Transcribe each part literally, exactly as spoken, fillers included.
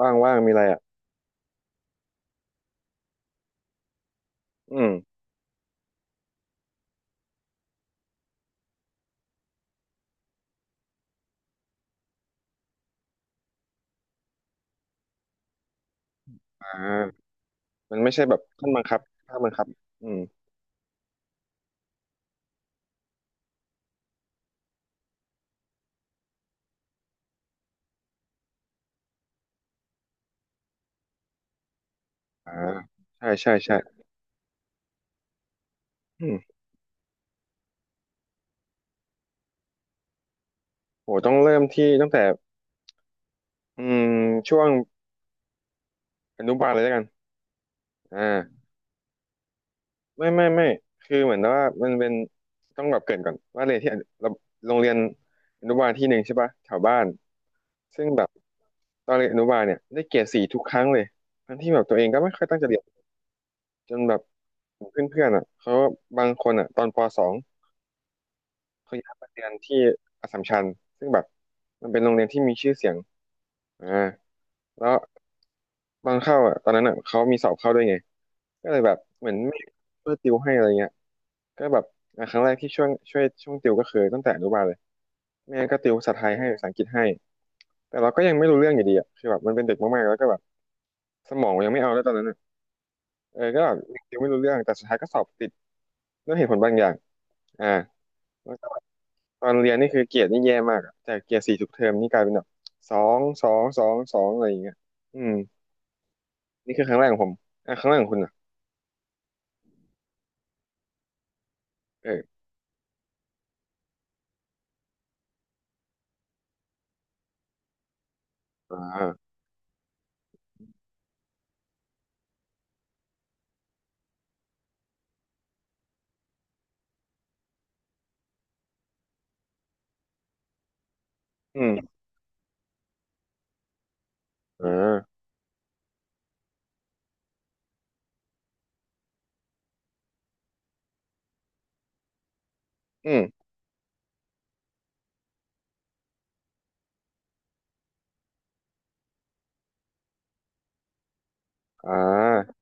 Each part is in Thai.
ว่างว่างมีอะไรอ่ะอืมอ่ามันไม่ใช่แบบขั้นบังคับขั้นบังคับอืมอ่าใช่ใช่ใช่อืมโหต้องเริ่มที่ตั้งแต่อืมช่วงอนุบาลเลยแล้วกันอ่าไม่ไม่ไม่คือเหมือนว่ามันเป็นต้องแบบเกริ่นก่อนว่าเรียนที่อนุเราโรงเรียนอนุบาลที่หนึ่งใช่ปะแถวบ้านซึ่งแบบตอนเรียนอนุบาลเนี่ยได้เกรดสี่ทุกครั้งเลยทั้งที่แบบตัวเองก็ไม่ค่อยตั้งใจเรียนจนแบบเพื่อนๆอ่ะเขาบางคนอ่ะตอนป สอง เขาย้ายมาเรียนที่อัสสัมชัญซึ่งแบบมันเป็นโรงเรียนที่มีชื่อเสียงอ่าแล้วตอนเข้าอ่ะตอนนั้นอ่ะเขามีสอบเข้าด้วยไงก็เลยแบบเหมือนไม่ช่วยติวให้อะไรเงี้ยก็แบบอ่ะครั้งแรกที่ช่วยช่วยช่วงติวก็คือตั้งแต่อนุบาลเลยแม่ก็ติวภาษาไทยให้ภาษาอังกฤษให้แต่เราก็ยังไม่รู้เรื่องอยู่ดีอ่ะคือแบบมันเป็นเด็กมากๆแล้วก็แบบสมองยังไม่เอาแล้วตอนนั้นอะเออก็แบบยังติวไม่รู้เรื่องแต่สุดท้ายก็สอบติดด้วยเหตุผลบางอย่างอ่า ตอนเรียนนี่คือเกรดนี่แย่มากอะแต่เกรดสี่ทุกเทอมนี่กลายเป็นแบบสอง สอง สอง สองอะไรอย่างเงี้ยอืมนี่คือครั้งแรกของผมอ่ะครั้งแรกของคุณอ่ะเอออ่าอืมอ่าอืมอ่า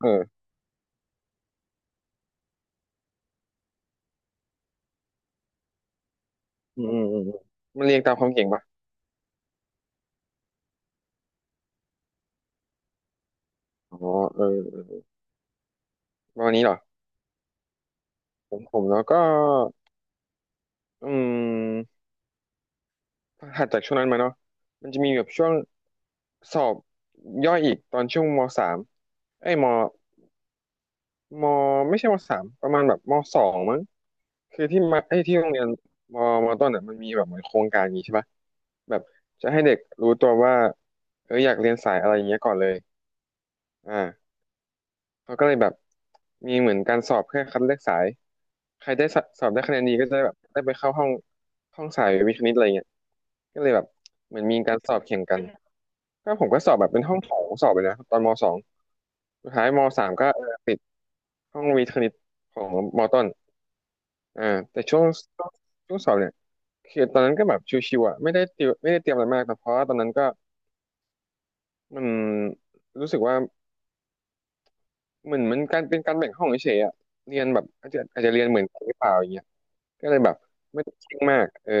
เอออืมอืมอืมอืมมันเรียงตามความเก่งปะอ๋อเออวันนี้เหรอผมผมแล้วก็อืมถัดจากช่วงนั้นมาเนาะมันจะมีแบบช่วงสอบย่อยอีกตอนช่วงมสามเอ้ยม มไม่ใช่ม สามประมาณแบบมสองมั้งคือที่มาไอ้ยที่โรงเรียนมมต้นอ่ะมันมีแบบเหมือนโครงการอย่างงี้ใช่ปะแบบจะให้เด็กรู้ตัวว่าเอออยากเรียนสายอะไรอย่างเงี้ยก่อนเลยอ่าเขาก็เลยแบบมีเหมือนการสอบเพื่อคัดเลือกสาย ใครได้สสอบได้คะแนนดีก็จะแบบได้ไปเข้าห้องห้องสายวิทย์คณิตอะไรเงี้ยก็เลยแบบเหมือนมีการสอบแข่งกันก็ผมก็สอบแบบเป็นห้องโถงสอบไปนะตอนมสองสุดท้ายมสามก็เออติดห้องวิทย์คณิตของมต้น อ่าแต่ช่วงช่วงสอบเนี่ยคือตอนนั้นก็แบบชิวๆอ่ะไม่ได้เตรียมไม่ได้เตรียมอะไรมากแต่เพราะว่าตอนนั้นก็มันรู้สึกว่าเหมือนมันการเป็นการแบ่งห้องเฉยๆอ่ะเรียนแบบอาจจะอาจจะเรียนเหมือนกันหรือเปล่าอย่างเงี้ยก็เลยแบบไม่ได้เคร่งมากเออ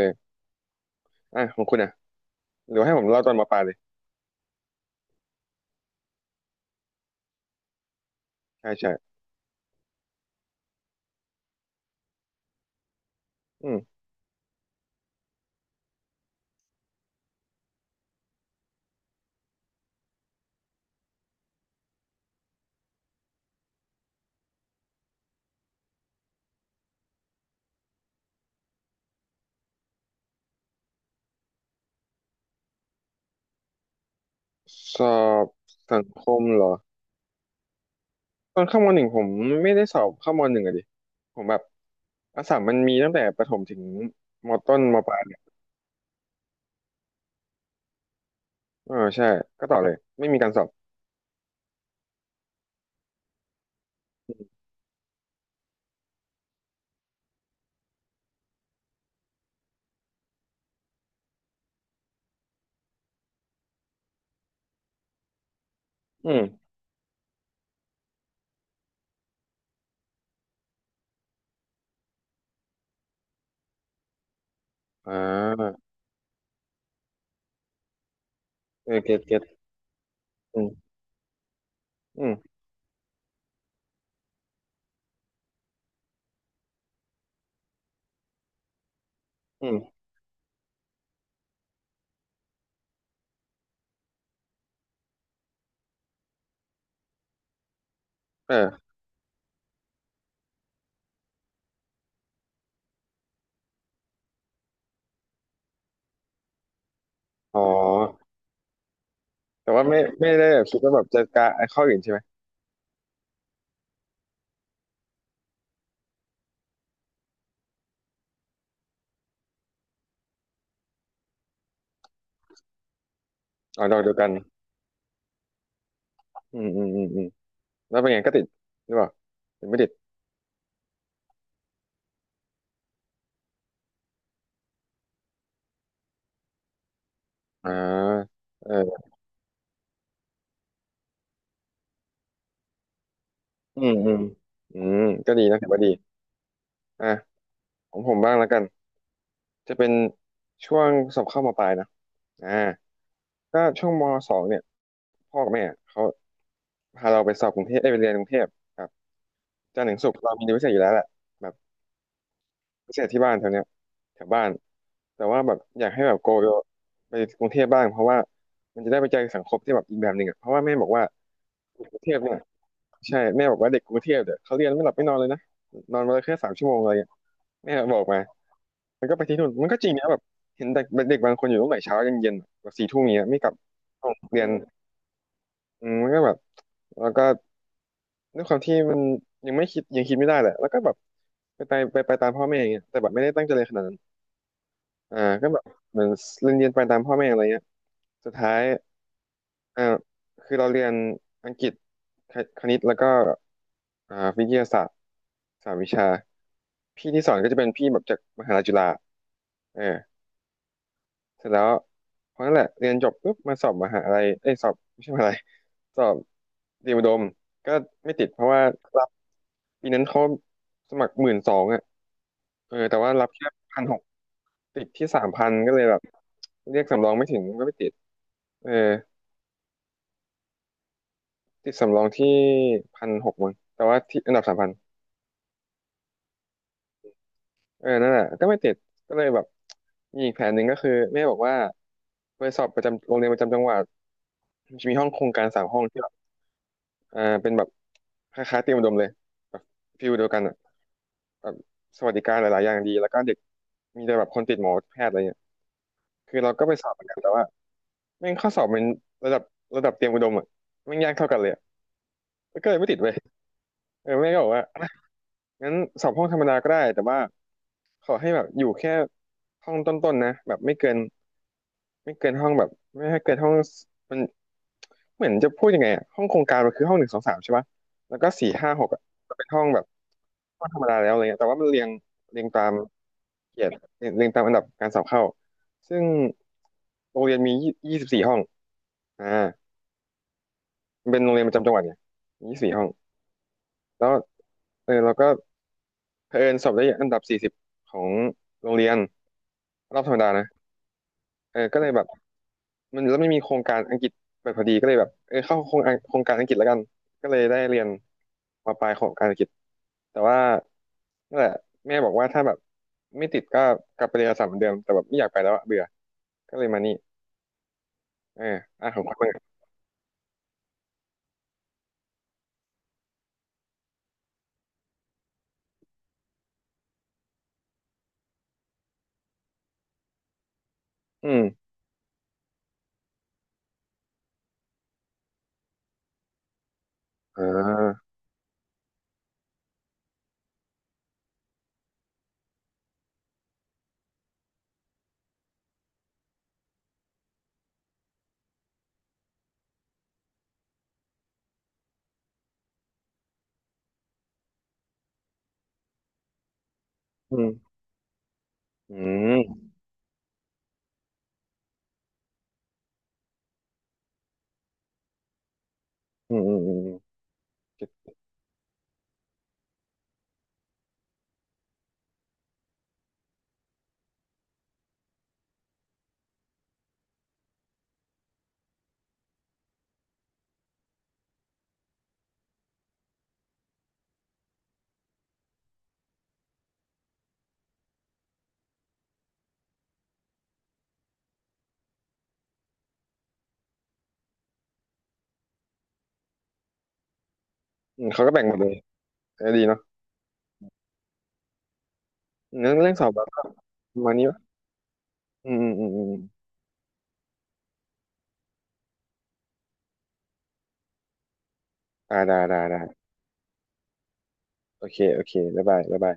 อ่ะของคุณอ่ะหรือว่าให้ผมเล่าตอนมปลายเลยใช่ใช่อืมสอบสังคมเหรอตอนเข้ามหนึ่งผมไม่ได้สอบเข้ามหนึ่งอะดิผมแบบอัสสัมมันมีตั้งแต่ประถมถึงม ต้น ม ปลายอ่าใช่ก็ต่อเลยไม่มีการสอบอืม อ่าเออเก็ตเก็ตอืมอืมอืมเอออ๋อ แต่ว่าไม่ไม่ได้แบบคิดว่าแบบจะกะไอ้ข้ออื่นใช่ไหม อ๋อดอกเดียวกันอืมอืมอืมอืมแล้วเป็นไงก็ติด หรือเปล่าหรือไม่ติดอ่าเอออืมอืมอืมก็ดีนะถือว่าดีอ่ะของผมบ้างแล้วกัน จะเป็นช่วงสอบเข้ามปลายนะอ่าก็ช่วงมสองเนี่ยพ่อกับแม่เขาพาเราไปสอบกรุงเทพได้ยไปเรียนกรุงเทพครับจันทร์ถึงศุกร์เรามีเรียนพิเศษอยู่แล้วแหละ ไม่ใช่ที่บ้านแถวเนี้ยแถวบ้านแต่ว่าแบบอยากให้แบบโกไปกรุงเทพบ้างเพราะว่ามันจะได้ไปเจอสังคมที่แบบอีกแบบหนึ่งอ่ะเพราะว่าแม่บอกว่ากกรุงเทพเนี่ยใช่แม่บอกว่าเด็กกรุงเทพเดี๋ยวเขาเรียนไม่หลับไม่นอนเลยนะนอนมาเลยแค่สามชั่วโมงอะไรเงี้ยแม่บอกมามันก็ไปที่นู่นมันก็จริงนะแบบเห็นเด็กเด็กบางคนอยู่ตั้งแต่เช้ายันเย็นแบบสี่ทุ่มเนี้ยไม่กลับห้องเรียนอืมมันก็แบบแล้วก็ด้วยความที่มันยังไม่คิดยังคิดไม่ได้แหละแล้วก็แบบไปไปไปไปตามพ่อแม่อย่างเงี้ยแต่แบบไม่ได้ตั้งใจเลยนขนาดนั้น อ่าก็แบบเหมือนเรียนเรียนไปตามพ่อแม่อะไรเงี้ยสุดท้ายอ่าคือเราเรียนอังกฤษคคณิตแล้วก็อ่าวิทยาศาสตร์สามวิชาพี่ที่สอนก็จะเป็นพี่แบบจากมหาลัยจุฬาเออเสร็จแล้วเพราะนั่นแหละเรียนจบปุ๊บมาสอบมหาอะไยเอ้ยสอบไม่ใช่มหาอะไรสอบเตรียมอุดมก็ไม่ติดเพราะว่ารับปีนั้นเขาสมัครหมื่นสองอ่ะเออแต่ว่ารับแค่พันหก ติดที่สามพันก็เลยแบบเรียกสำรองไม่ถึงก็ไม่ติดเออติดสำรองที่พันหกมั้งแต่ว่าที่อันดับสามพันเออนั่นแหละก็ไม่ติดก็เลยแบบมีอีกแผนหนึ่งก็คือแม่บอกว่าไปสอบประจำโรงเรียนประจำจังหวัดมันจะมีห้องโครงการสามห้องที่แบบอ่าเป็นแบบคล้ายๆเตรียมอุดมเลยแบบฟิลเดียวกันอ่ะแบบสวัสดิการหลายๆอย่างดีแล้วก็เด็กมีแต่แบบคนติดหมอแพทย์อะไรเงี้ยคือเราก็ไปสอบเหมือนกันแต่ว่าแม่งข้อสอบมันระดับระดับเตรียมอุดมอ่ะแม่งยากเท่ากันเลยอะก็เลยไม่ติดไป เออแม่ก็บอกว่าอ่ะงั้นสอบห้องธรรมดาก็ได้แต่ว่าขอให้แบบอยู่แค่ห้องต้นๆนะแบบไม่เกินไม่เกินห้องแบบไม่ให้เกินห้องมันเหมือนจะพูดยังไงอะห้องโครงการมันคือห้องหนึ่งสองสามใช่ปะแล้วก็สี่ห้าหกอะจะเป็นห้องแบบห้องธรรมดาแล้วอะไรเงี้ยแต่ว่ามันเรียงเรียงตามเกียรติเรียงเรียงตามอันดับการสอบเข้าซึ่งโรงเรียนมียี่สิบสี่ห้องอ่ามันเป็นโรงเรียนประจำจังหวัดไงยี่สิบสี่ห้องแล้วเออเราก็เผอิญสอบได้อันดับสี่สิบของโรงเรียน รอบธรรมดานะเออก็เลยแบบมันแล้วไม่มีโครงการอังกฤษแบบพอดีก็เลยแบบเออเข้าโครงโครงการอังกฤษแล้วกันก็เลยได้เรียนมาปลายของการอังกฤษแต่ว่านั่นแหละแม่บอกว่าถ้าแบบไม่ติดก็กลับไปเรียนอัสสัมเหมือนเดิมแต่แบบไม่อยากไปแล้วอะเบื่อก็เลยมานี่เอออ่ะของคุณบ้างอืมอ่าอืมอืมอืมอืมอืมอืมเขาก็แบ่งหมดเลยเออดีเนาะเรื่องเรื่องสอบแบบประมาณนี้ปะอืมอืมอืมอืมอ่าได้ได้ได้โอเคโอเคบ๊ายบายบ๊ายบาย